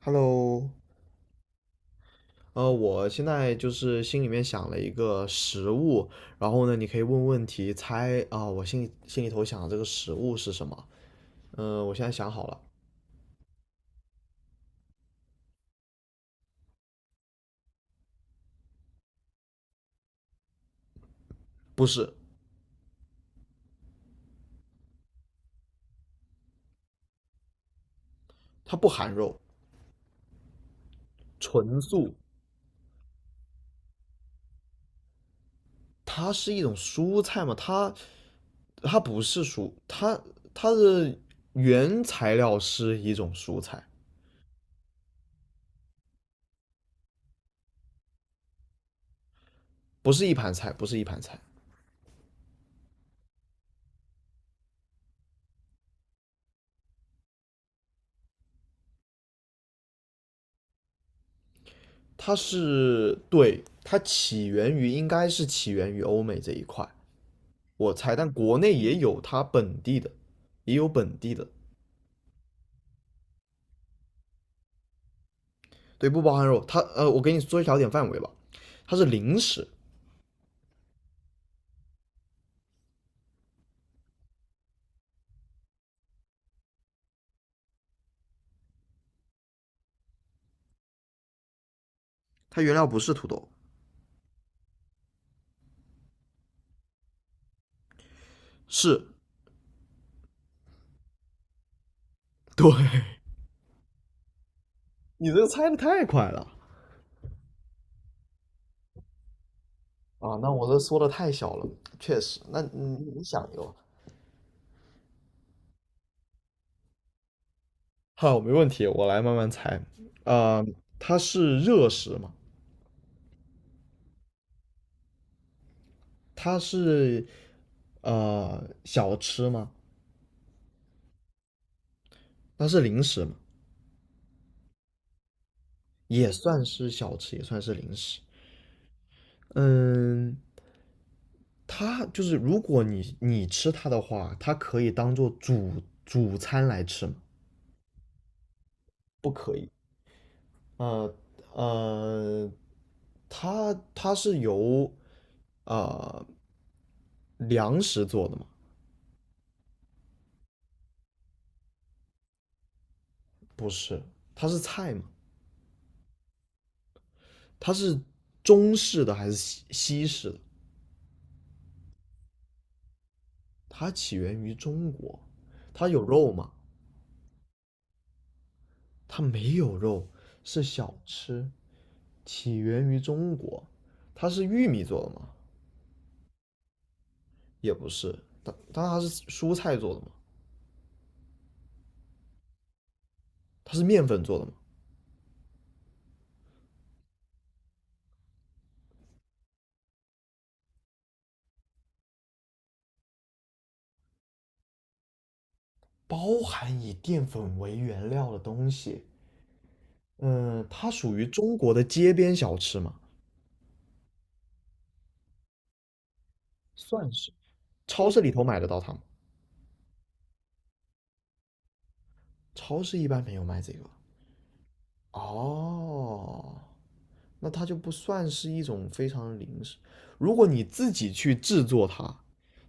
Hello,我现在就是心里面想了一个食物，然后呢，你可以问问题猜啊，我心里头想的这个食物是什么？我现在想好了。不是。它不含肉。纯素。它是一种蔬菜嘛，它不是蔬，它的原材料是一种蔬菜。不是一盘菜，不是一盘菜。它是，对，它起源于应该是起源于欧美这一块。我猜，但国内也有它本地的。也有本地的。对，不包含肉。它我给你缩小点范围吧，它是零食。它原料不是土豆。是。对，你这个猜的太快了。啊！那我这缩的太小了，确实。那你你想一个。好，没问题，我来慢慢猜。呃，它是热食吗？它是小吃吗？它是零食吗？也算是小吃，也算是零食。嗯，它就是如果你吃它的话，它可以当做主餐来吃吗？不可以。呃呃，它是由呃粮食做的吗？不是。它是菜吗？它是中式的还是西式的？它起源于中国。它有肉吗？它没有肉，是小吃，起源于中国。它是玉米做的吗？也不是。它但它是蔬菜做的嘛，它是面粉做的嘛，包含以淀粉为原料的东西。嗯，它属于中国的街边小吃嘛？算是。超市里头买得到它吗？超市一般没有卖这个。哦，那它就不算是一种非常零食。如果你自己去制作它，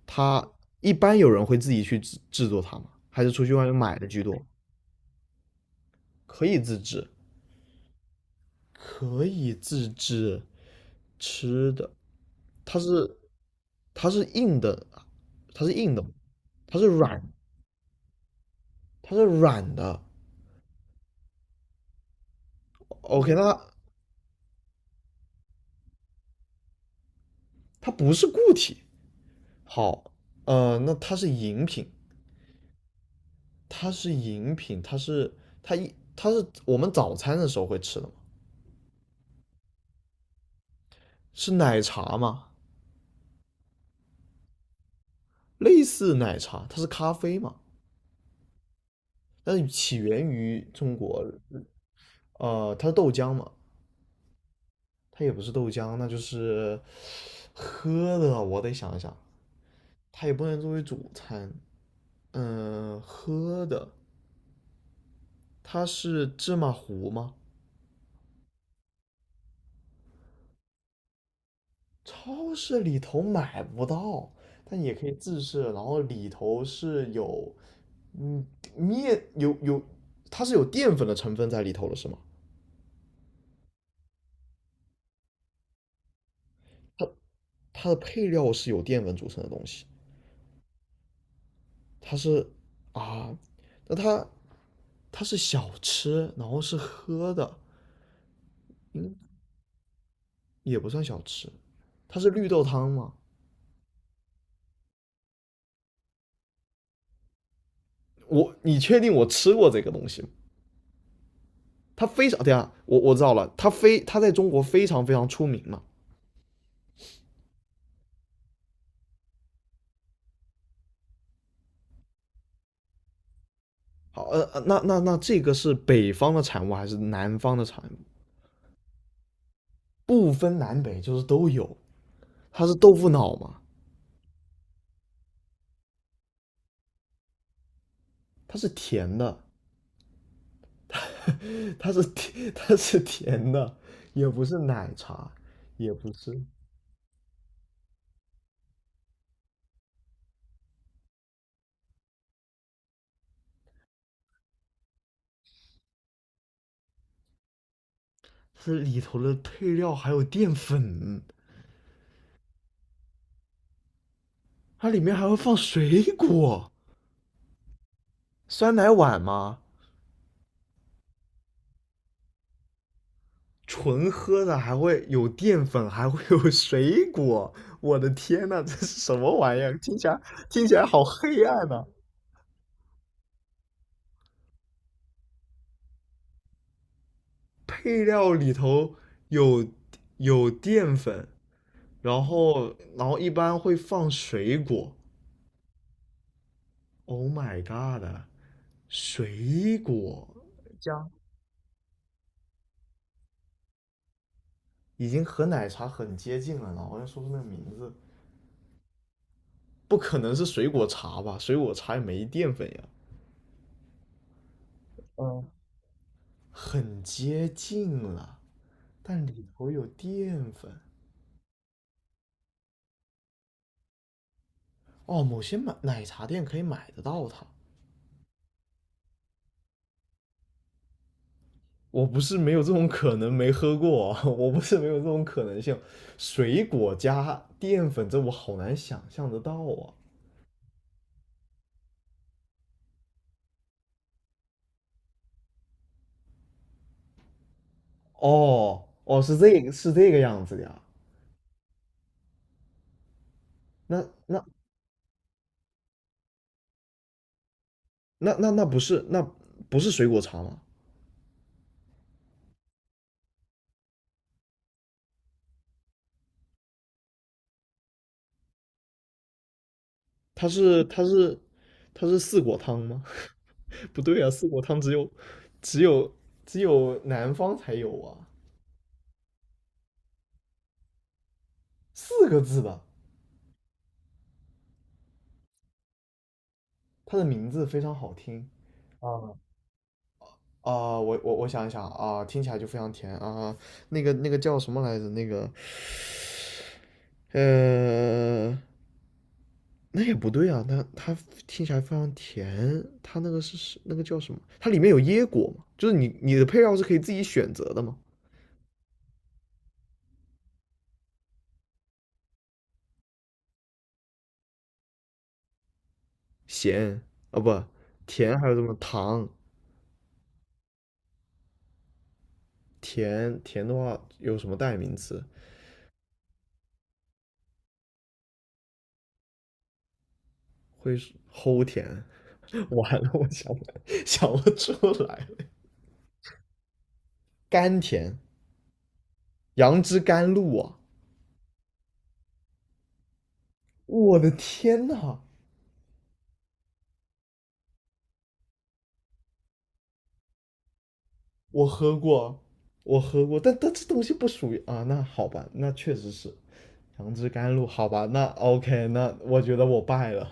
它一般有人会自己去制作它吗？还是出去外面买的居多？可以自制。可以自制吃的。它是它是硬的，它是硬的，它是软，它是软的。OK,那它它不是固体。好，那它是饮品。它是饮品，它是它一它是我们早餐的时候会吃的吗？是奶茶吗？类似奶茶，它是咖啡嘛？但是起源于中国。它是豆浆嘛？它也不是豆浆，那就是喝的。我得想一想，它也不能作为主餐。嗯，喝的，它是芝麻糊吗？超市里头买不到，但也可以自制。然后里头是有，嗯，面有有，它是有淀粉的成分在里头了，是吗？它的配料是有淀粉组成的东西。它是啊，那它它是小吃，然后是喝的，也不算小吃。它是绿豆汤吗？我你确定我吃过这个东西吗？它非常，对啊，我我知道了，它非它在中国非常非常出名嘛。好，那那那这个是北方的产物还是南方的产物？不分南北，就是都有。它是豆腐脑嘛？它是甜的，它是甜，它是甜的，也不是奶茶，也不是。是里头的配料还有淀粉。它里面还会放水果。酸奶碗吗？纯喝的还会有淀粉，还会有水果，我的天呐，这是什么玩意儿？听起来，听起来好黑暗呐！配料里头有有淀粉，然后然后一般会放水果。Oh my god!啊，水果加，已经和奶茶很接近了，然后要说出那个名字。不可能是水果茶吧？水果茶也没淀粉呀。嗯，很接近了。但里头有淀粉。哦，某些买奶茶店可以买得到它。我不是没有这种可能，没喝过啊 我不是没有这种可能性。水果加淀粉，这我好难想象得到啊。哦哦，是这个是这个样子的呀。那那那不是不是水果茶吗？它是它是它是四果汤吗？不对啊，四果汤只有只有只有南方才有啊。四个字的。它的名字非常好听。啊，我我我想一想啊、听起来就非常甜啊、那个那个叫什么来着？那个呃，那也不对啊，那它听起来非常甜，它那个是是那个叫什么？它里面有椰果嘛？就是你你的配料是可以自己选择的吗？咸，啊不，甜，还有什么糖？甜甜的话有什么代名词？会是齁甜？完了，我想不 想不出来了。甘甜。杨枝甘露啊！我的天呐，我喝过，我喝过，但但这东西不属于啊。那好吧，那确实是杨枝甘露，好吧，那 OK,那我觉得我败了。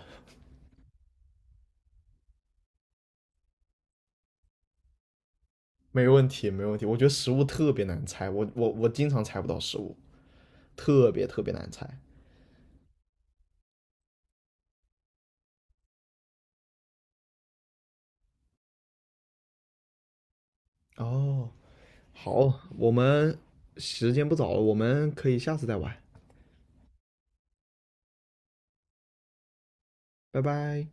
没问题，没问题。我觉得食物特别难猜，我我我经常猜不到食物，特别特别难猜。哦，好，我们时间不早了，我们可以下次再玩。拜拜。